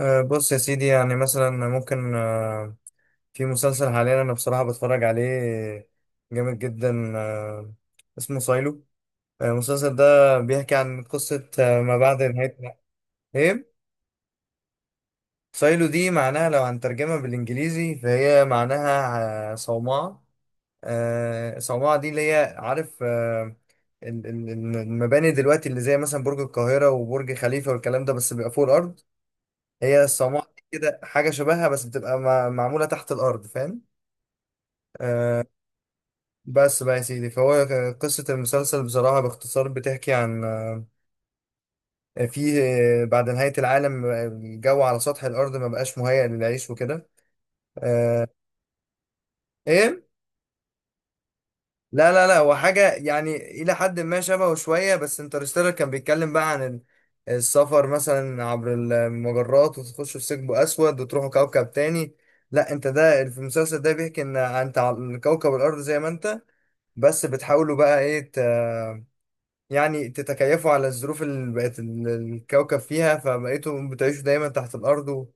بص يا سيدي، يعني مثلا ممكن في مسلسل حاليا انا بصراحة بتفرج عليه جامد جدا. اسمه سايلو. المسلسل ده بيحكي عن قصة ما بعد نهاية. ايه سايلو دي معناها لو هنترجمها بالانجليزي فهي معناها صومعة. صومعة دي اللي هي عارف، ال- ال- المباني دلوقتي اللي زي مثلا برج القاهرة وبرج خليفة والكلام ده، بس بيبقى فوق الأرض. هي الصومعة دي كده حاجة شبهها، بس بتبقى معمولة تحت الأرض، فاهم؟ آه، بس بقى يا سيدي، فهو قصة المسلسل بصراحة باختصار بتحكي عن، فيه، بعد نهاية العالم، الجو على سطح الأرض ما بقاش مهيأ للعيش وكده. آه، إيه؟ لا لا لا، هو حاجة يعني إلى حد ما شبهه شوية، بس انترستيلر كان بيتكلم بقى عن السفر مثلا عبر المجرات وتخشوا في ثقب أسود وتروحوا كوكب تاني. لا، أنت ده في المسلسل ده بيحكي إن أنت على كوكب الأرض زي ما أنت، بس بتحاولوا بقى إيه يعني تتكيفوا على الظروف اللي بقت الكوكب فيها، فبقيتوا بتعيشوا دايما تحت الأرض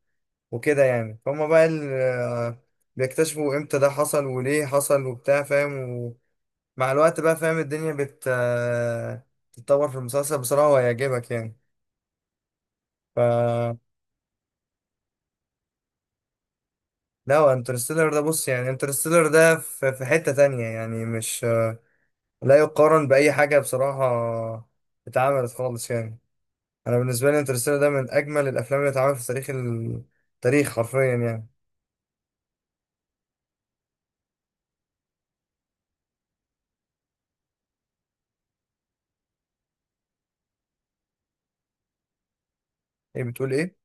وكده يعني، فهم بقى بيكتشفوا إمتى ده حصل وليه حصل وبتاع، فاهم؟ مع الوقت بقى فاهم الدنيا بت تتطور في المسلسل بصراحة، وهيعجبك يعني. ف لا، هو انترستيلر ده بص يعني، انترستيلر ده في في حتة تانية يعني، مش لا يقارن بأي حاجة بصراحة. اتعملت خالص يعني. أنا بالنسبة لي انترستيلر ده من أجمل الأفلام اللي اتعملت في تاريخ التاريخ حرفيا يعني. إيه بتقول إيه؟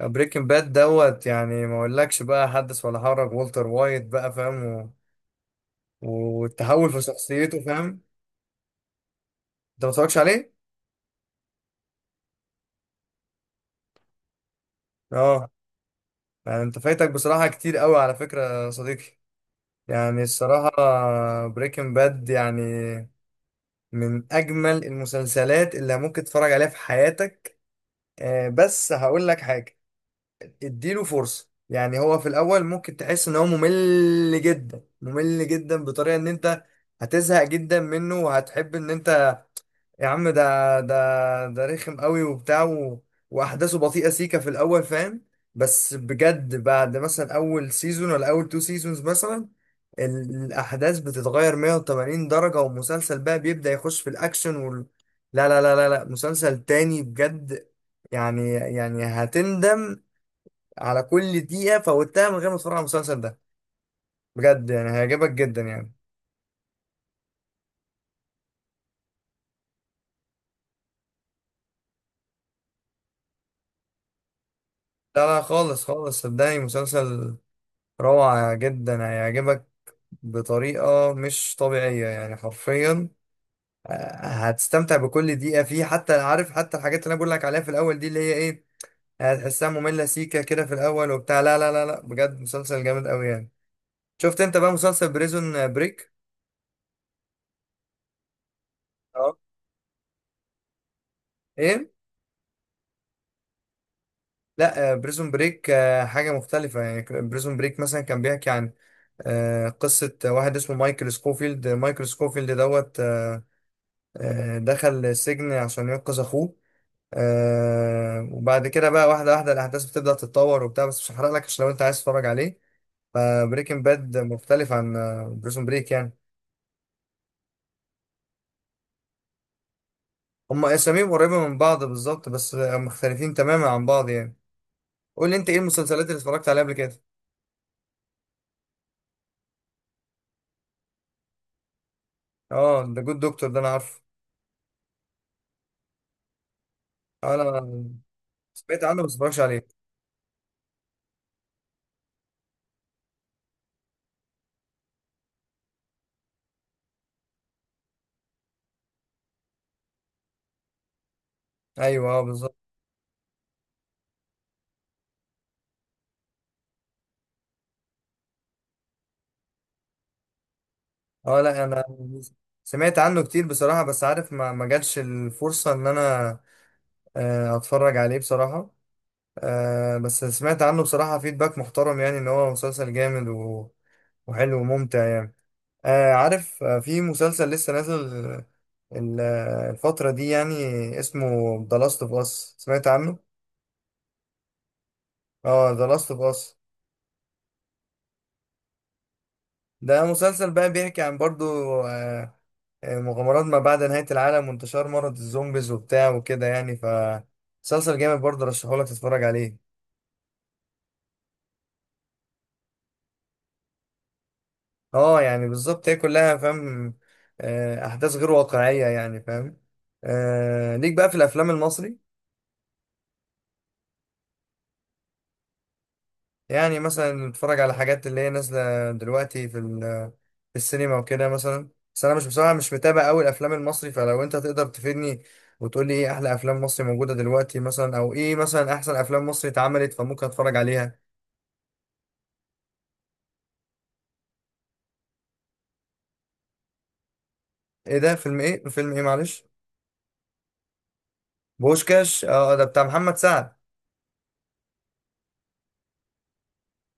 بريكنج باد دوت يعني، ما أقولكش بقى، حدث ولا حرج، والتر وايت بقى فاهم، والتحول في شخصيته، فاهم؟ أنت ما اتفرجتش عليه؟ اه. يعني انت فايتك بصراحة كتير قوي على فكرة يا صديقي، يعني الصراحة. بريكنج باد يعني من أجمل المسلسلات اللي ممكن تتفرج عليها في حياتك. بس هقول لك حاجة، اديله فرصة. يعني هو في الأول ممكن تحس إن هو ممل جدا ممل جدا، بطريقة إن أنت هتزهق جدا منه، وهتحب إن أنت، يا عم ده رخم قوي وبتاع واحداثه بطيئه سيكه في الاول، فاهم؟ بس بجد بعد مثلا اول سيزون ولا اول تو سيزونز مثلا، الاحداث بتتغير 180 درجه، والمسلسل بقى بيبدا يخش في الاكشن لا لا لا لا لا، مسلسل تاني بجد يعني. يعني هتندم على كل دقيقه فوتها من غير ما تتفرج على المسلسل ده، بجد يعني هيعجبك جدا يعني. لا لا، خالص خالص، صدقني مسلسل روعة جدا، هيعجبك بطريقة مش طبيعية يعني، حرفيا. آه، هتستمتع بكل دقيقة فيه، حتى عارف حتى الحاجات اللي أنا بقول لك عليها في الأول دي اللي هي إيه، هتحسها مملة سيكة كده في الأول وبتاع، لا لا لا لا، بجد مسلسل جامد أوي يعني. شفت أنت بقى مسلسل بريزون بريك؟ اه. إيه؟ لا، بريزون بريك حاجة مختلفة يعني. بريزون بريك مثلا كان بيحكي عن قصة واحد اسمه مايكل سكوفيلد. مايكل سكوفيلد دوت دخل السجن عشان ينقذ أخوه. آه وبعد كده بقى، واحدة واحدة الأحداث بتبدأ تتطور وبتاع، بس مش هحرق لك عشان لو أنت عايز تتفرج عليه. فبريكنج باد مختلف عن بريزون بريك يعني. هما أساميهم قريبة من بعض بالظبط، بس مختلفين تماما عن بعض يعني. قول لي أنت إيه المسلسلات اللي اتفرجت عليها قبل كده؟ أه، ده جود دكتور، ده أنا عارفه. أنا سمعت عنه بس متفرجش عليه. أيوه، أه بالظبط. أه لا، أنا سمعت عنه كتير بصراحة، بس عارف ما ما جاتش الفرصة إن أنا أتفرج عليه بصراحة. آه بس سمعت عنه بصراحة فيدباك محترم، يعني ان هو مسلسل جامد وحلو وممتع يعني. آه عارف، آه في مسلسل لسه نازل ال- الفترة دي يعني، اسمه The Last of Us، سمعت عنه؟ اه، The Last of Us. ده مسلسل بقى بيحكي عن برضو آه، مغامرات ما بعد نهاية العالم، وانتشار مرض الزومبيز وبتاع وكده يعني، ف مسلسل جامد برضو، رشحهولك تتفرج عليه. اه يعني بالظبط، هي كلها فاهم، احداث غير واقعيه يعني، فاهم؟ ليك بقى في الافلام المصري، يعني مثلا نتفرج على حاجات اللي هي نازله دلوقتي في في السينما وكده مثلا. بس انا مش بصراحه مش متابع قوي الافلام المصري، فلو انت تقدر تفيدني وتقول لي ايه احلى افلام مصري موجوده دلوقتي مثلا، او ايه مثلا احسن افلام مصري اتعملت، فممكن اتفرج عليها. ايه ده؟ فيلم ايه فيلم ايه، معلش؟ بوشكاش، اه ده بتاع محمد سعد.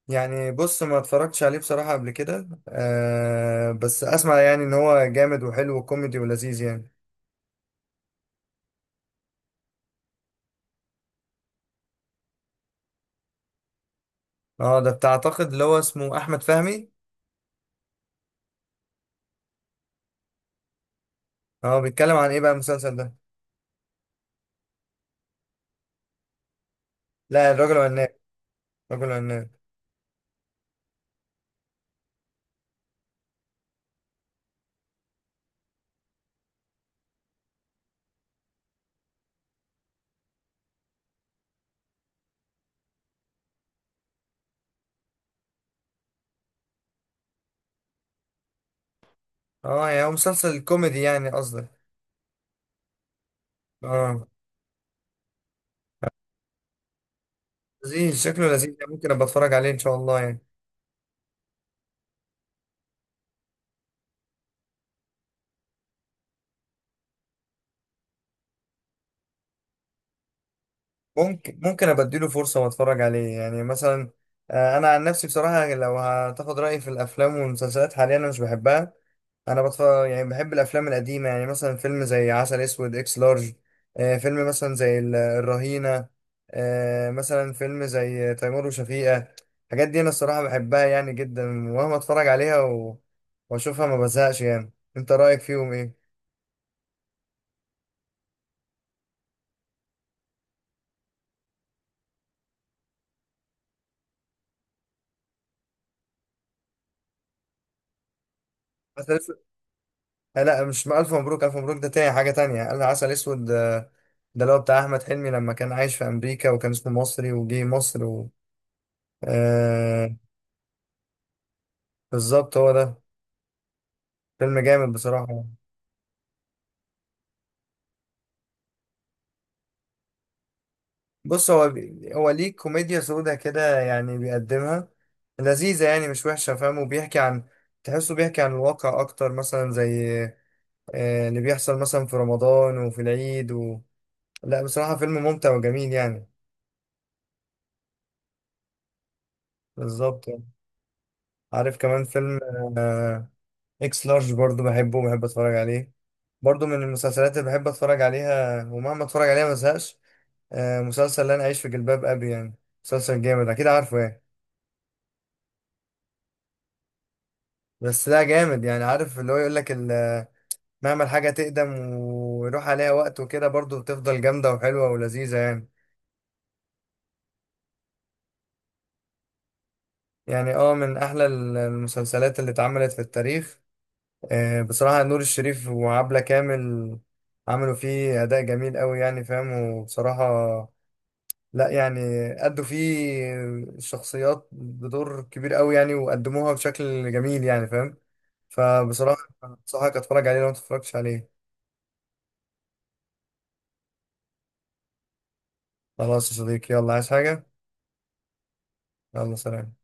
يعني بص، ما اتفرجتش عليه بصراحة قبل كده، آه بس اسمع يعني ان هو جامد وحلو وكوميدي ولذيذ يعني. اه ده بتاع اعتقد اللي هو اسمه احمد فهمي. اه، بيتكلم عن ايه بقى المسلسل ده؟ لا، الراجل العناب. الراجل العناب. اه يعني هو مسلسل كوميدي يعني قصدك؟ اه، لذيذ، شكله لذيذ يعني، ممكن ابقى اتفرج عليه ان شاء الله يعني. ممكن ممكن ابديله فرصه واتفرج عليه يعني مثلا. انا عن نفسي بصراحه لو هتاخد رايي في الافلام والمسلسلات حاليا انا مش بحبها. انا بتفرج يعني بحب الافلام القديمه، يعني مثلا فيلم زي عسل اسود، اكس لارج، فيلم مثلا زي الرهينه، مثلا فيلم زي تيمور وشفيقه. الحاجات دي انا الصراحه بحبها يعني جدا، ومهما اتفرج عليها واشوفها ما بزهقش يعني. انت رايك فيهم ايه؟ لا لا، مش ألف مبروك. ألف مبروك ده تاني، حاجة تانية. قال عسل أسود، ده اللي هو بتاع أحمد حلمي لما كان عايش في أمريكا وكان اسمه مصري وجه مصر آه، بالظبط هو ده. فيلم جامد بصراحة. بص هو هو ليه كوميديا سودة كده يعني، بيقدمها لذيذة يعني مش وحشة فاهم، وبيحكي عن، تحسه بيحكي عن الواقع أكتر، مثلا زي آه اللي بيحصل مثلا في رمضان وفي العيد لا بصراحة فيلم ممتع وجميل يعني. بالظبط. عارف كمان فيلم، آه، اكس لارج برضو بحبه وبحب اتفرج عليه. برضو من المسلسلات اللي بحب اتفرج عليها ومهما اتفرج عليها ما بزهقش، مسلسل لا انا عايش في جلباب ابي يعني، مسلسل جامد اكيد عارفه يعني. بس لا جامد يعني، عارف اللي هو يقول لك مهما الحاجه تقدم ويروح عليها وقت وكده، برضو بتفضل جامده وحلوه ولذيذه يعني. يعني اه من احلى المسلسلات اللي اتعملت في التاريخ. بصراحه نور الشريف وعبلة كامل عملوا فيه اداء جميل قوي يعني، فاهم، وبصراحه، لا يعني، أدوا فيه الشخصيات بدور كبير قوي يعني، وقدموها بشكل جميل يعني، فاهم؟ فبصراحة أنصحك أتفرج عليه لو ما اتفرجتش عليه. خلاص يا صديقي، يلا عايز حاجة؟ يلا سلام.